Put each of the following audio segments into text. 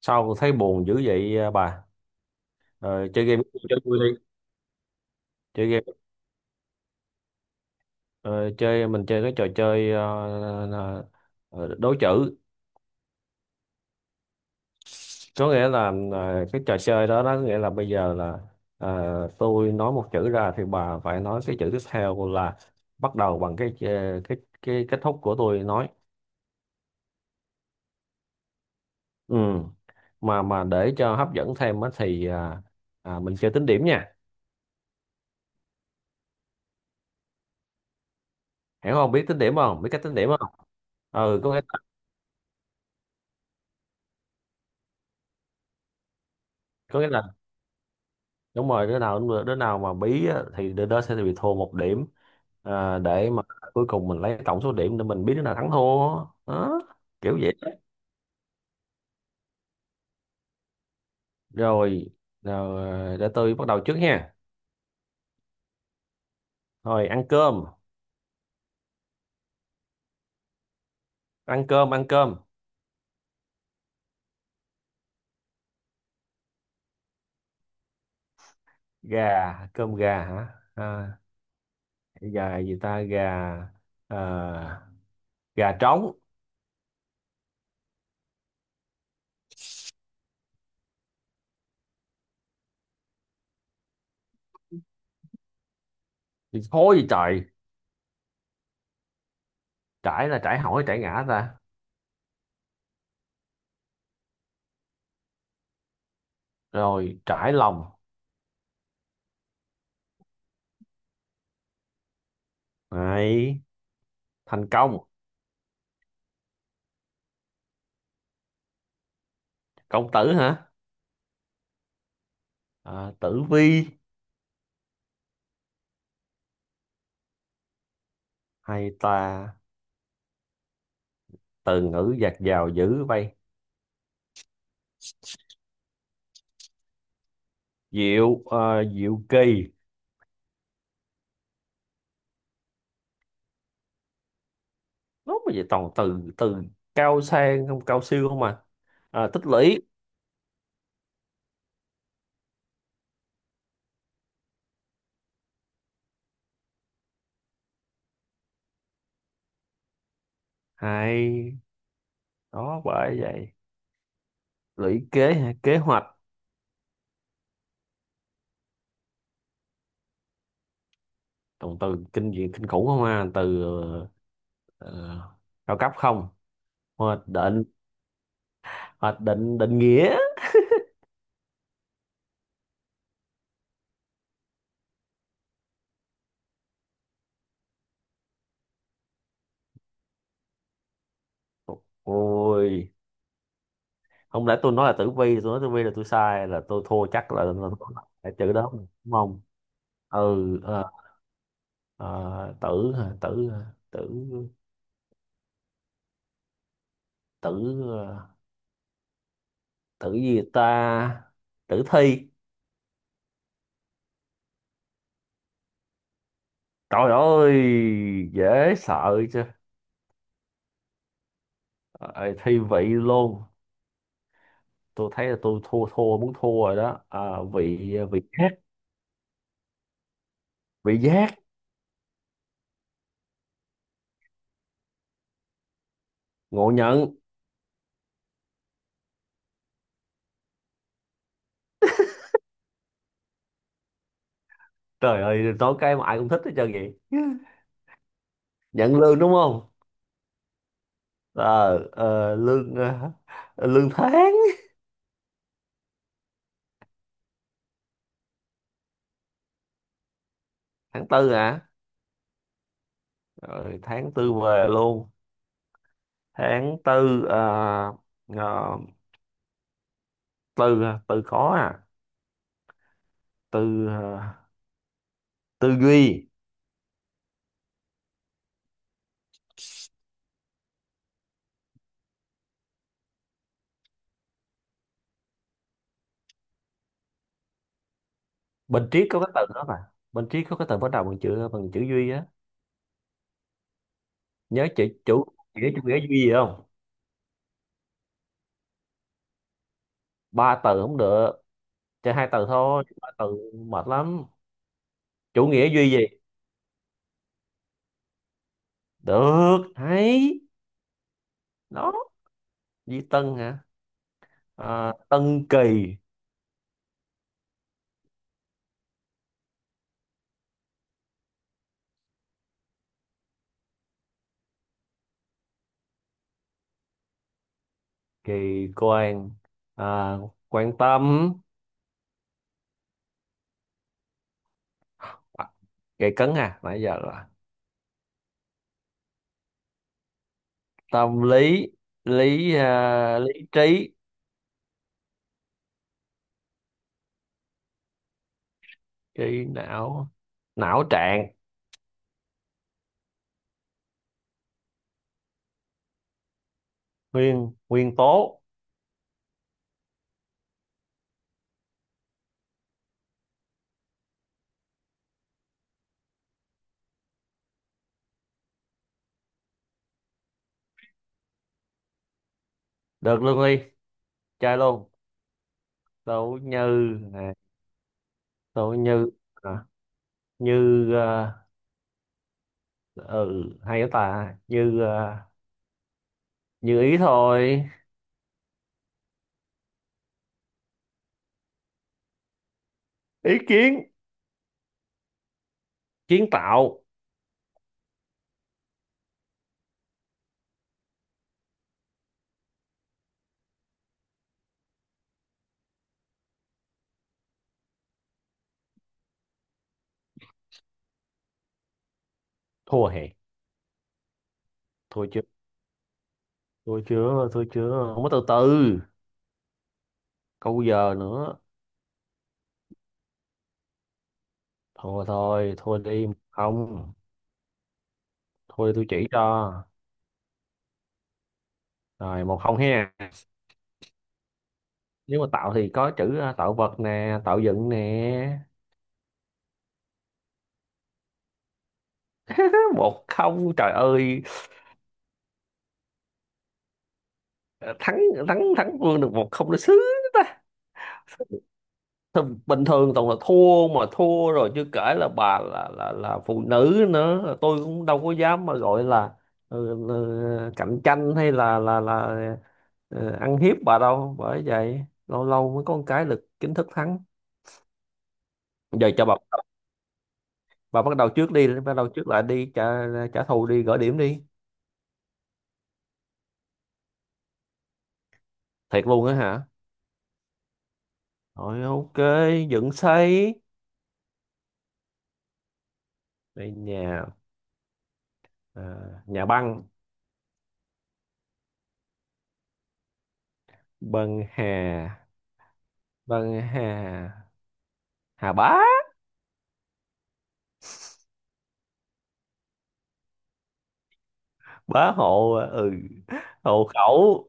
Sao thấy buồn dữ vậy à, bà? Ờ, chơi game, chơi vui đi. Chơi game, ờ, chơi mình chơi cái trò chơi đố chữ. Có nghĩa là cái trò chơi đó đó, nghĩa là bây giờ là, tôi nói một chữ ra thì bà phải nói cái chữ tiếp theo là bắt đầu bằng cái cái kết thúc của tôi nói. Ừ. mà để cho hấp dẫn thêm á thì mình chơi tính điểm nha. Hiểu không, biết tính điểm không, biết cách tính điểm không? Ừ, có nghĩa là đúng rồi, đứa nào cũng đứa nào mà bí á thì đứa đó sẽ bị thua một điểm. À, để mà cuối cùng mình lấy tổng số điểm để mình biết đứa nào thắng thua. Đó, kiểu vậy. Rồi, rồi để tôi bắt đầu trước nha. Rồi, ăn cơm. Ăn cơm, ăn cơm gà. Cơm gà hả? À, gà gì ta, gà. À, gà trống. Thì thôi gì trời, trải là trải hỏi, trải ngã ta. Rồi, trải lòng. Này, thành công. Công tử hả? À, tử vi. Hay ta, từ ngữ dạt dào dữ vậy. Diệu, diệu kỳ. Nó mà vậy toàn từ từ cao sang không, cao siêu không mà. Ờ, tích lũy. Hay đó, bởi vậy. Lũy kế hả? Kế hoạch. Toàn từ kinh dị kinh khủng không, à từ ờ, cao cấp không. Hoạch định. Hoạch định, định nghĩa. Ôi, không lẽ tôi nói là tử vi, tôi nói tử vi là tôi sai, là tôi thua chắc, là là chữ đó đúng không? Ừ. Ờ. Ờ, tử hả? Tử, tử, tử. Ờ, tử gì ta? Tử thi. Trời ơi, dễ sợ chứ. Ờ, thi vị luôn. Tôi thấy là tôi thua, thua muốn thua rồi đó. À, vị. Ờ, vị giác. Vị giác, ngộ nhận. Trời ơi, nói cái mà ai cũng thích hết trơn vậy. Nhận lương đúng không? Ờ, Lương, lương tháng. Tháng tư hả? Rồi, tháng tư về luôn. Tháng tư, à, từ, từ khó. Từ à, Tư duy. Bên triết có cái từ đó, mà bên triết có cái từ bắt đầu bằng chữ, bằng chữ duy á. Nhớ chữ chủ nghĩa, chủ nghĩa duy gì không? Ba từ không được, chơi hai từ thôi, ba từ mệt lắm. Chủ nghĩa duy gì? Được, hay đó. Duy tân hả? À, tân kỳ. Kỳ quan. À, quan tâm. À, kỳ cấn à, nãy giờ là tâm lý. Lý, lý trí. Kỳ não, não trạng. Nguyên, nguyên tố. Được luôn đi, chơi luôn. Đỗ Như. À, Đỗ Như. À, như. Ừ, hay quá ta. Như, như ý thôi. Ý kiến. Kiến tạo. Thua hè. Thua chưa, thua chưa, thua chưa, không có từ từ câu giờ nữa. Thua thôi, thua đi không, thua đi tôi chỉ cho. Rồi một không ha. Nếu mà tạo thì có chữ, à, tạo vật nè, tạo dựng nè. Một không trời ơi. Ờ, thắng, thắng Vương được một không nó sướng ta. Thôi, bình thường toàn là thua, mà thua rồi, chưa kể là bà là phụ nữ nữa, tôi cũng đâu có dám mà gọi là, ừ, là cạnh tranh hay là ờ, ăn hiếp bà đâu, bởi vậy lâu lâu mới có một cái được chính thức thắng. Giờ cho bà bắt đầu trước đi, bắt đầu trước lại đi, trả, trả thù đi, gỡ điểm đi. Thiệt luôn á hả? Rồi, ok. Dựng xây. Đây nhà. À, nhà băng. Băng hà. Vâng, hà. Hà bá. Bá hộ. Ừ, hộ khẩu.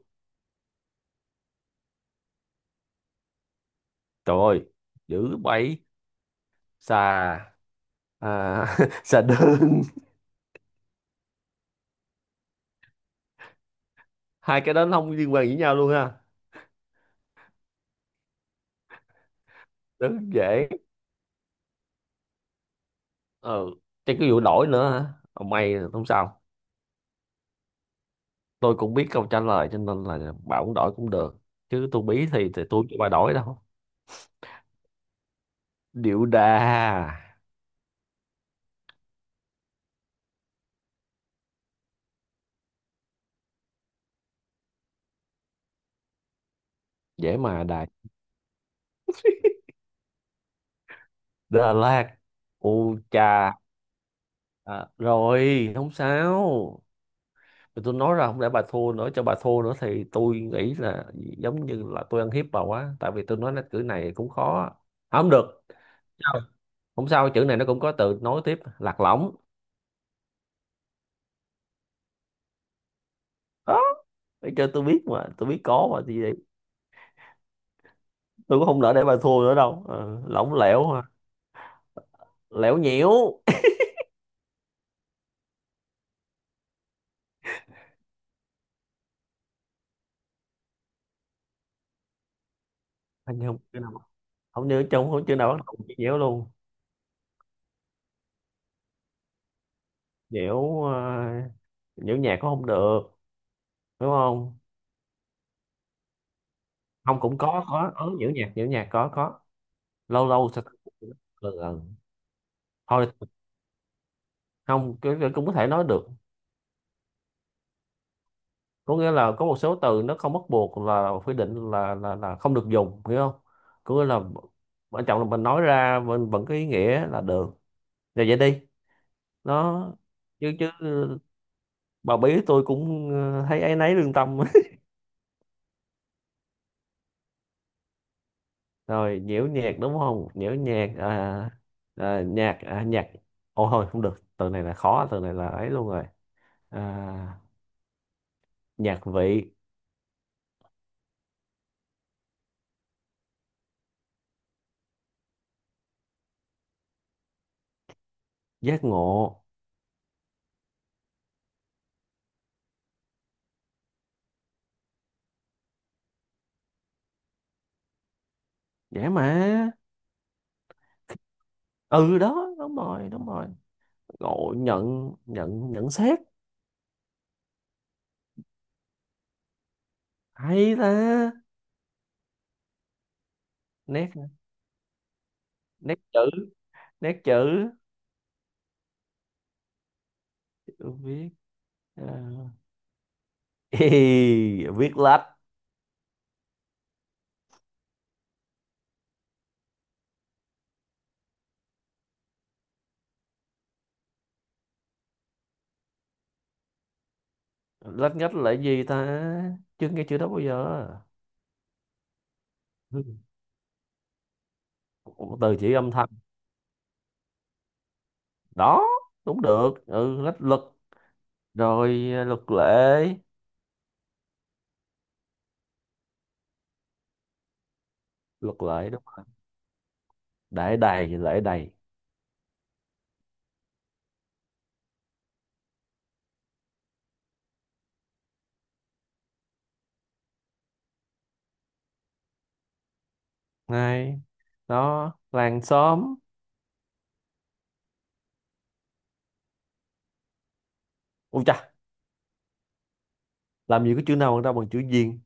Trời ơi dữ bậy. Xà, à, xà đơn. Hai cái đó nó không liên quan gì với nhau luôn ha. Rất dễ. Ừ, chắc cái vụ đổi nữa hả? Ông may là không sao. Tôi cũng biết câu trả lời cho nên là bà cũng đổi cũng được, chứ tôi bí thì tôi cho bà đổi đâu. Điệu đà. Dễ mà, đà. Đà Lạt. U chà. À, rồi không sao. Thì tôi nói ra không lẽ bà thua nữa, cho bà thua nữa thì tôi nghĩ là giống như là tôi ăn hiếp bà quá, tại vì tôi nói cái chữ này cũng khó. À, không được. Sao? Không sao, chữ này nó cũng có từ nối tiếp. Lạc lõng. Đó, để cho tôi biết mà, tôi biết có mà, thì vậy. Tôi cũng không nỡ để bà thua nữa đâu. Ờ, lỏng lẻo ha. Lẻo, nhiễu. Hình như không chữ nào, không nhớ, trong không chữ nào bắt đầu chữ nhiễu luôn. Nhiễu, nhiễu nhạc cũng không được. Đúng không? Không, cũng có, ừ, nhiễu nhạc, nhiễu nhạc có có. Lâu lâu sao ta- ừ, ừ. Thôi, không, cái, cái cũng có thể nói được. Có nghĩa là có một số từ nó không bắt buộc là quy định là không được dùng, hiểu không? Có nghĩa là quan trọng là mình nói ra mình vẫn có ý nghĩa là được. Rồi, vậy đi. Nó, chứ chứ bà bí tôi cũng thấy áy náy lương tâm. Rồi, nhiễu nhạc đúng không? Nhiễu nhạc. À, à, nhạc. À, nhạc ôi thôi không được, từ này là khó, từ này là ấy luôn rồi. À, nhạc vị. Giác ngộ. Dễ mà. Ừ đó, đúng rồi, đúng rồi. Ngộ nhận. Nhận, nhận xét. Hay ta. Nét. Nét chữ. Nét chữ viết. À. Ê, viết lách. Lách nhất là gì ta? Chưa nghe chữ đó bao giờ. Ừ. Một từ chỉ âm thanh. Đó, cũng được, ừ lách luật. Rồi, à, luật lệ. Luật lệ đúng rồi. Đại đầy lễ đầy. Này đó, làng xóm. Ui chà, làm gì có chữ nào ra bằng chữ viền.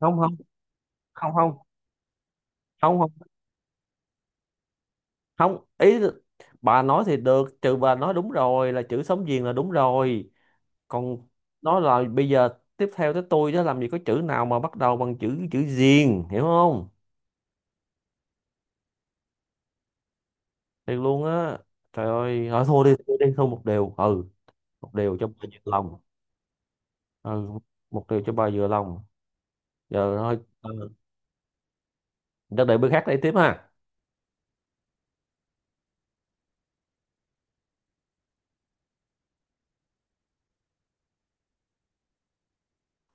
Không, không, không, không, không. Không ý, bà nói thì được, trừ bà nói đúng rồi, là chữ sống viền là đúng rồi. Còn nó là bây giờ, tiếp theo tới tôi đó, làm gì có chữ nào mà bắt đầu bằng chữ, chữ viền, hiểu không? Thiệt luôn á, trời ơi. À, thôi thua đi, thua đi, thua một điều ừ. Một điều cho bà vừa lòng. Ừ, một điều cho bà vừa lòng. Giờ thôi ừ, cho đợi bữa khác đây tiếp ha.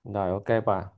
Rồi, ok bà.